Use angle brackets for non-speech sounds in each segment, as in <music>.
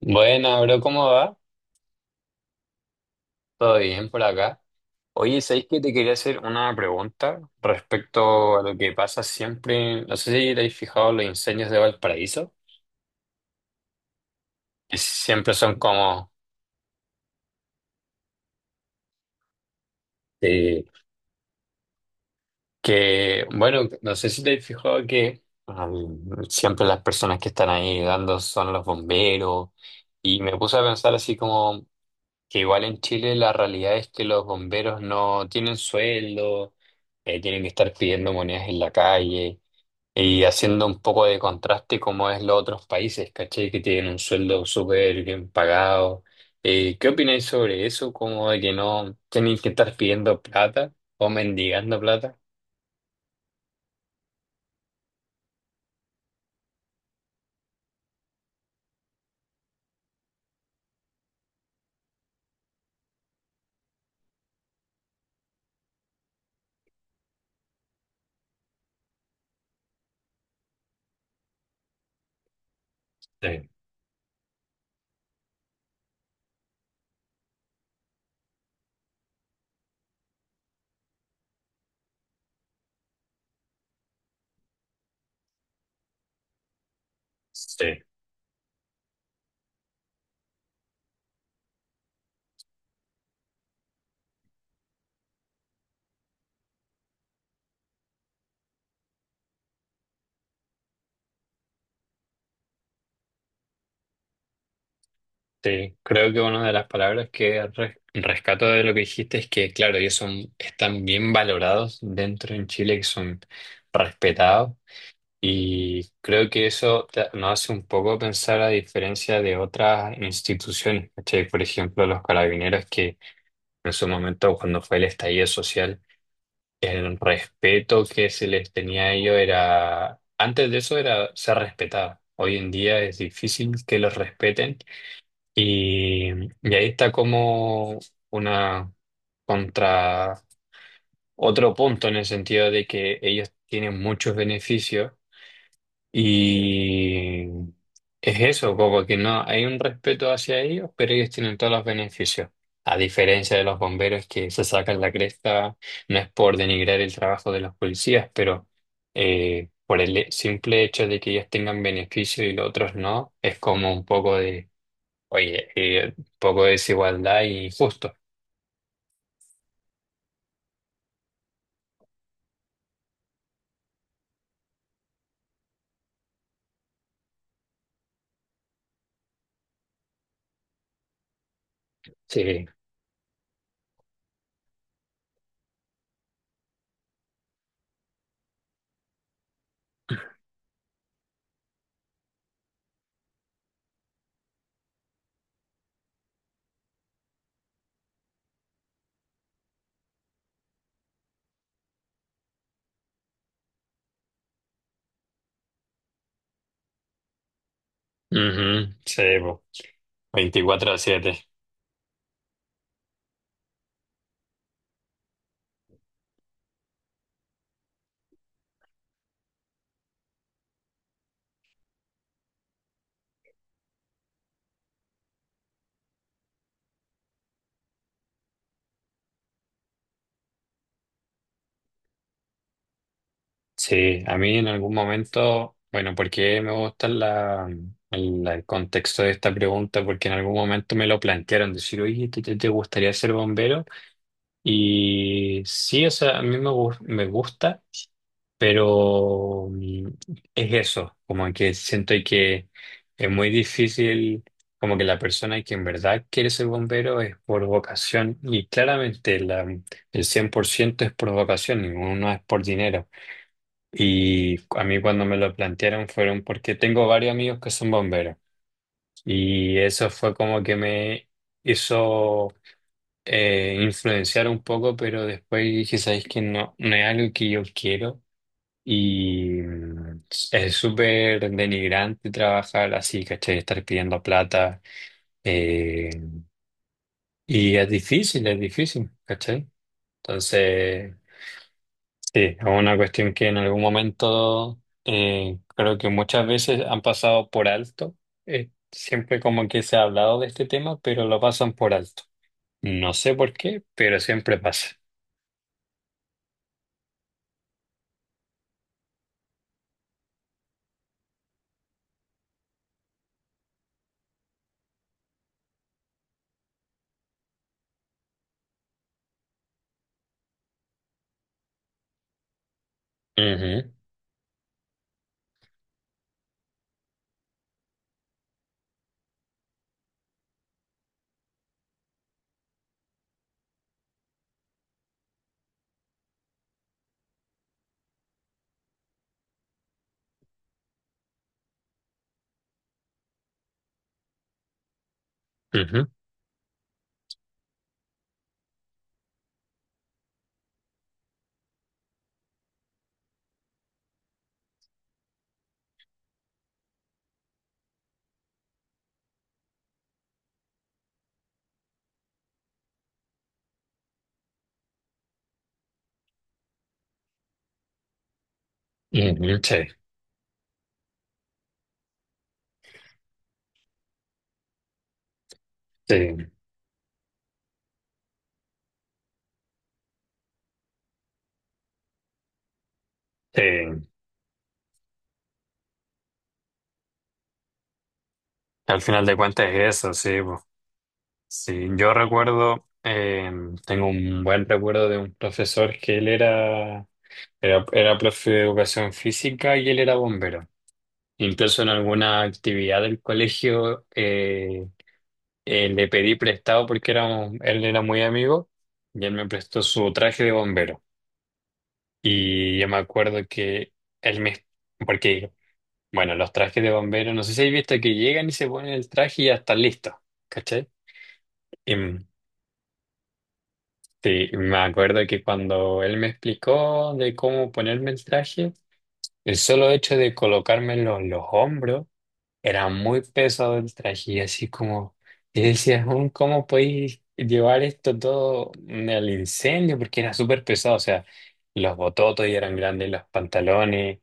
Buena, bro, ¿cómo va? ¿Todo bien por acá? Oye, ¿sabéis que te quería hacer una pregunta respecto a lo que pasa siempre? No sé si te habéis fijado los incendios de Valparaíso, que siempre son como eh, bueno, no sé si te habéis fijado que siempre las personas que están ahí dando son los bomberos y me puse a pensar así como que igual en Chile la realidad es que los bomberos no tienen sueldo. Tienen que estar pidiendo monedas en la calle. Y haciendo un poco de contraste como es los otros países, ¿cachai? Que tienen un sueldo súper bien pagado. ¿Qué opináis sobre eso? Como de que no tienen que estar pidiendo plata o mendigando plata. Sí, sí, sí, creo que una de las palabras que rescato de lo que dijiste es que, claro, ellos son, están bien valorados dentro en Chile, que son respetados. Y creo que eso nos hace un poco pensar a diferencia de otras instituciones, ¿cachai? Por ejemplo, los carabineros que en su momento, cuando fue el estallido social, el respeto que se les tenía a ellos era, antes de eso era ser respetado. Hoy en día es difícil que los respeten y, y ahí está como una contra otro punto en el sentido de que ellos tienen muchos beneficios y es eso, como que no hay un respeto hacia ellos, pero ellos tienen todos los beneficios. A diferencia de los bomberos que se sacan la cresta, no es por denigrar el trabajo de los policías, pero por el simple hecho de que ellos tengan beneficio y los otros no, es como un poco de, oye, un poco de desigualdad y injusto. Sí. Ujú, sí, po. 24 a 7. Sí, a mí en algún momento, bueno, porque me gusta la, el contexto de esta pregunta, porque en algún momento me lo plantearon, decir, oye, ¿te, te gustaría ser bombero? Y sí, o sea, a mí me, me gusta, pero mm, es eso, como que siento que es muy difícil, como que la persona que en verdad quiere ser bombero es por vocación, y claramente la, el 100% es por vocación, ninguno es por dinero. Y a mí cuando me lo plantearon fueron porque tengo varios amigos que son bomberos y eso fue como que me hizo influenciar un poco, pero después dije, ¿sabéis que no, no es algo que yo quiero? Y mm, es súper denigrante trabajar así, ¿cachai? Estar pidiendo plata, eh, y es difícil, ¿cachai? Entonces... Sí, es una cuestión que en algún momento creo que muchas veces han pasado por alto. Siempre como que se ha hablado de este tema, pero lo pasan por alto. No sé por qué, pero siempre pasa. Ujú, ujú, ujú, sí, sí, sí. Al final de cuentas es eso, sí, po. Sí, yo recuerdo, tengo un buen recuerdo de un profesor que era profe de educación física y él era bombero. Incluso en alguna actividad del colegio, le pedí prestado porque él era muy amigo y él me prestó su traje de bombero. Y yo me acuerdo que él me... Porque, bueno, los trajes de bombero, no sé si habéis visto que llegan y se ponen el traje y ya están listos, ¿cachai? Y, mm, sí, me acuerdo que cuando él me explicó de cómo ponerme el traje, el solo hecho de colocármelo en los hombros, era muy pesado el traje y así como, y decía, "Jun, ¿cómo podéis llevar esto todo al incendio? Porque era súper pesado, o sea, los bototos ya eran grandes, los pantalones,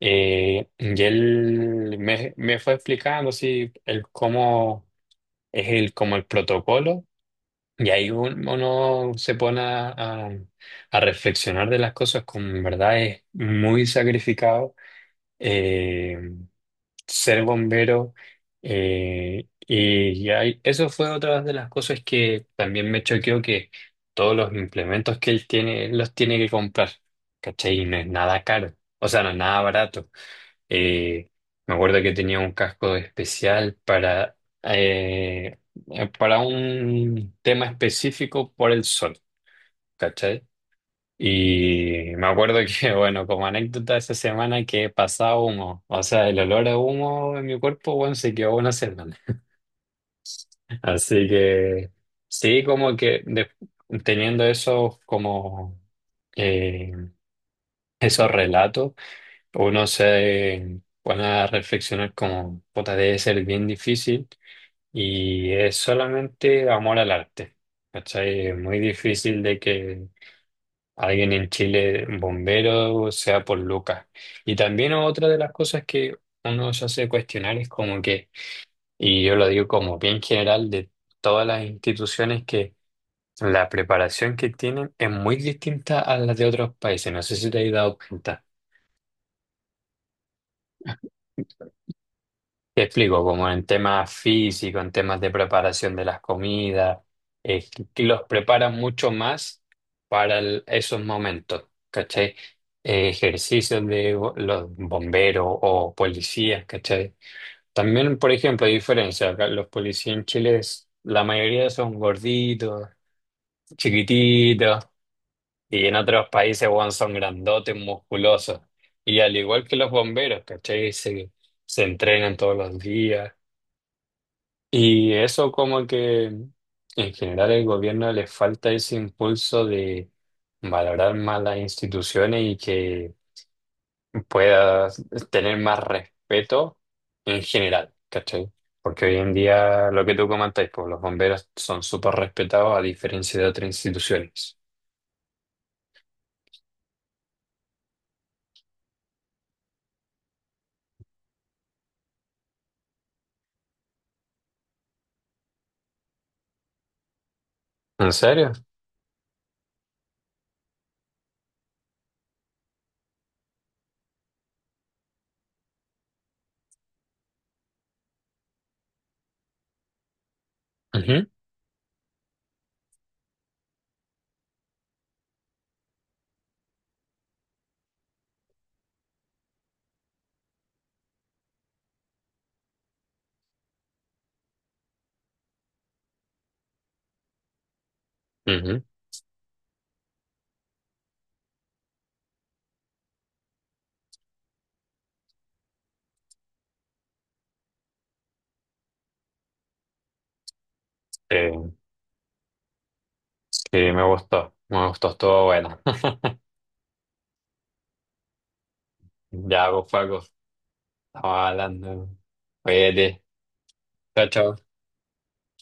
y él me, me fue explicando así el cómo es el, como el protocolo, y ahí uno se pone a, a reflexionar de las cosas como en verdad es muy sacrificado. eh, Ser bombero. Y ya, y eso fue otra de las cosas que también me choqueó, que todos los implementos que él tiene, él los tiene que comprar, ¿cachai? Y no es nada caro, o sea, no es nada barato. Eh, Me acuerdo que tenía un casco especial eh, para un tema específico por el sol, ¿cachai? Y me acuerdo que, <laughs> bueno, como anécdota esa semana que pasaba humo, o sea, el olor a humo en mi cuerpo, bueno, se quedó una semana. <laughs> Así que sí, como que teniendo esos como eh, esos relatos, uno se pone a reflexionar como, puta, debe ser bien difícil y es solamente amor al arte. ¿Cachai? Es muy difícil de que alguien en Chile, bombero, sea por Lucas. Y también otra de las cosas que uno se hace cuestionar es como que, y yo lo digo como bien general de todas las instituciones, que la preparación que tienen es muy distinta a la de otros países. No sé si te has dado cuenta. Te explico, como en temas físicos, en temas de preparación de las comidas, eh, que los preparan mucho más para esos momentos, ¿cachai? Ejercicios de los bomberos o policías, ¿cachai? También, por ejemplo, hay diferencia, acá los policías en Chile, la mayoría son gorditos, chiquititos, y en otros países, weón, son grandotes, musculosos. Y al igual que los bomberos, ¿cachai? Se entrenan todos los días. Y eso como que en general el gobierno le falta ese impulso de valorar más las instituciones y que pueda tener más respeto en general, ¿cachai? Porque hoy en día lo que tú comentáis, pues los bomberos son súper respetados a diferencia de otras instituciones. ¿En serio? Ujú, ujú. Eh, sí, me gustó, estuvo bueno. <laughs> Ya, pues Paco, estamos hablando. Oye, chao, chao.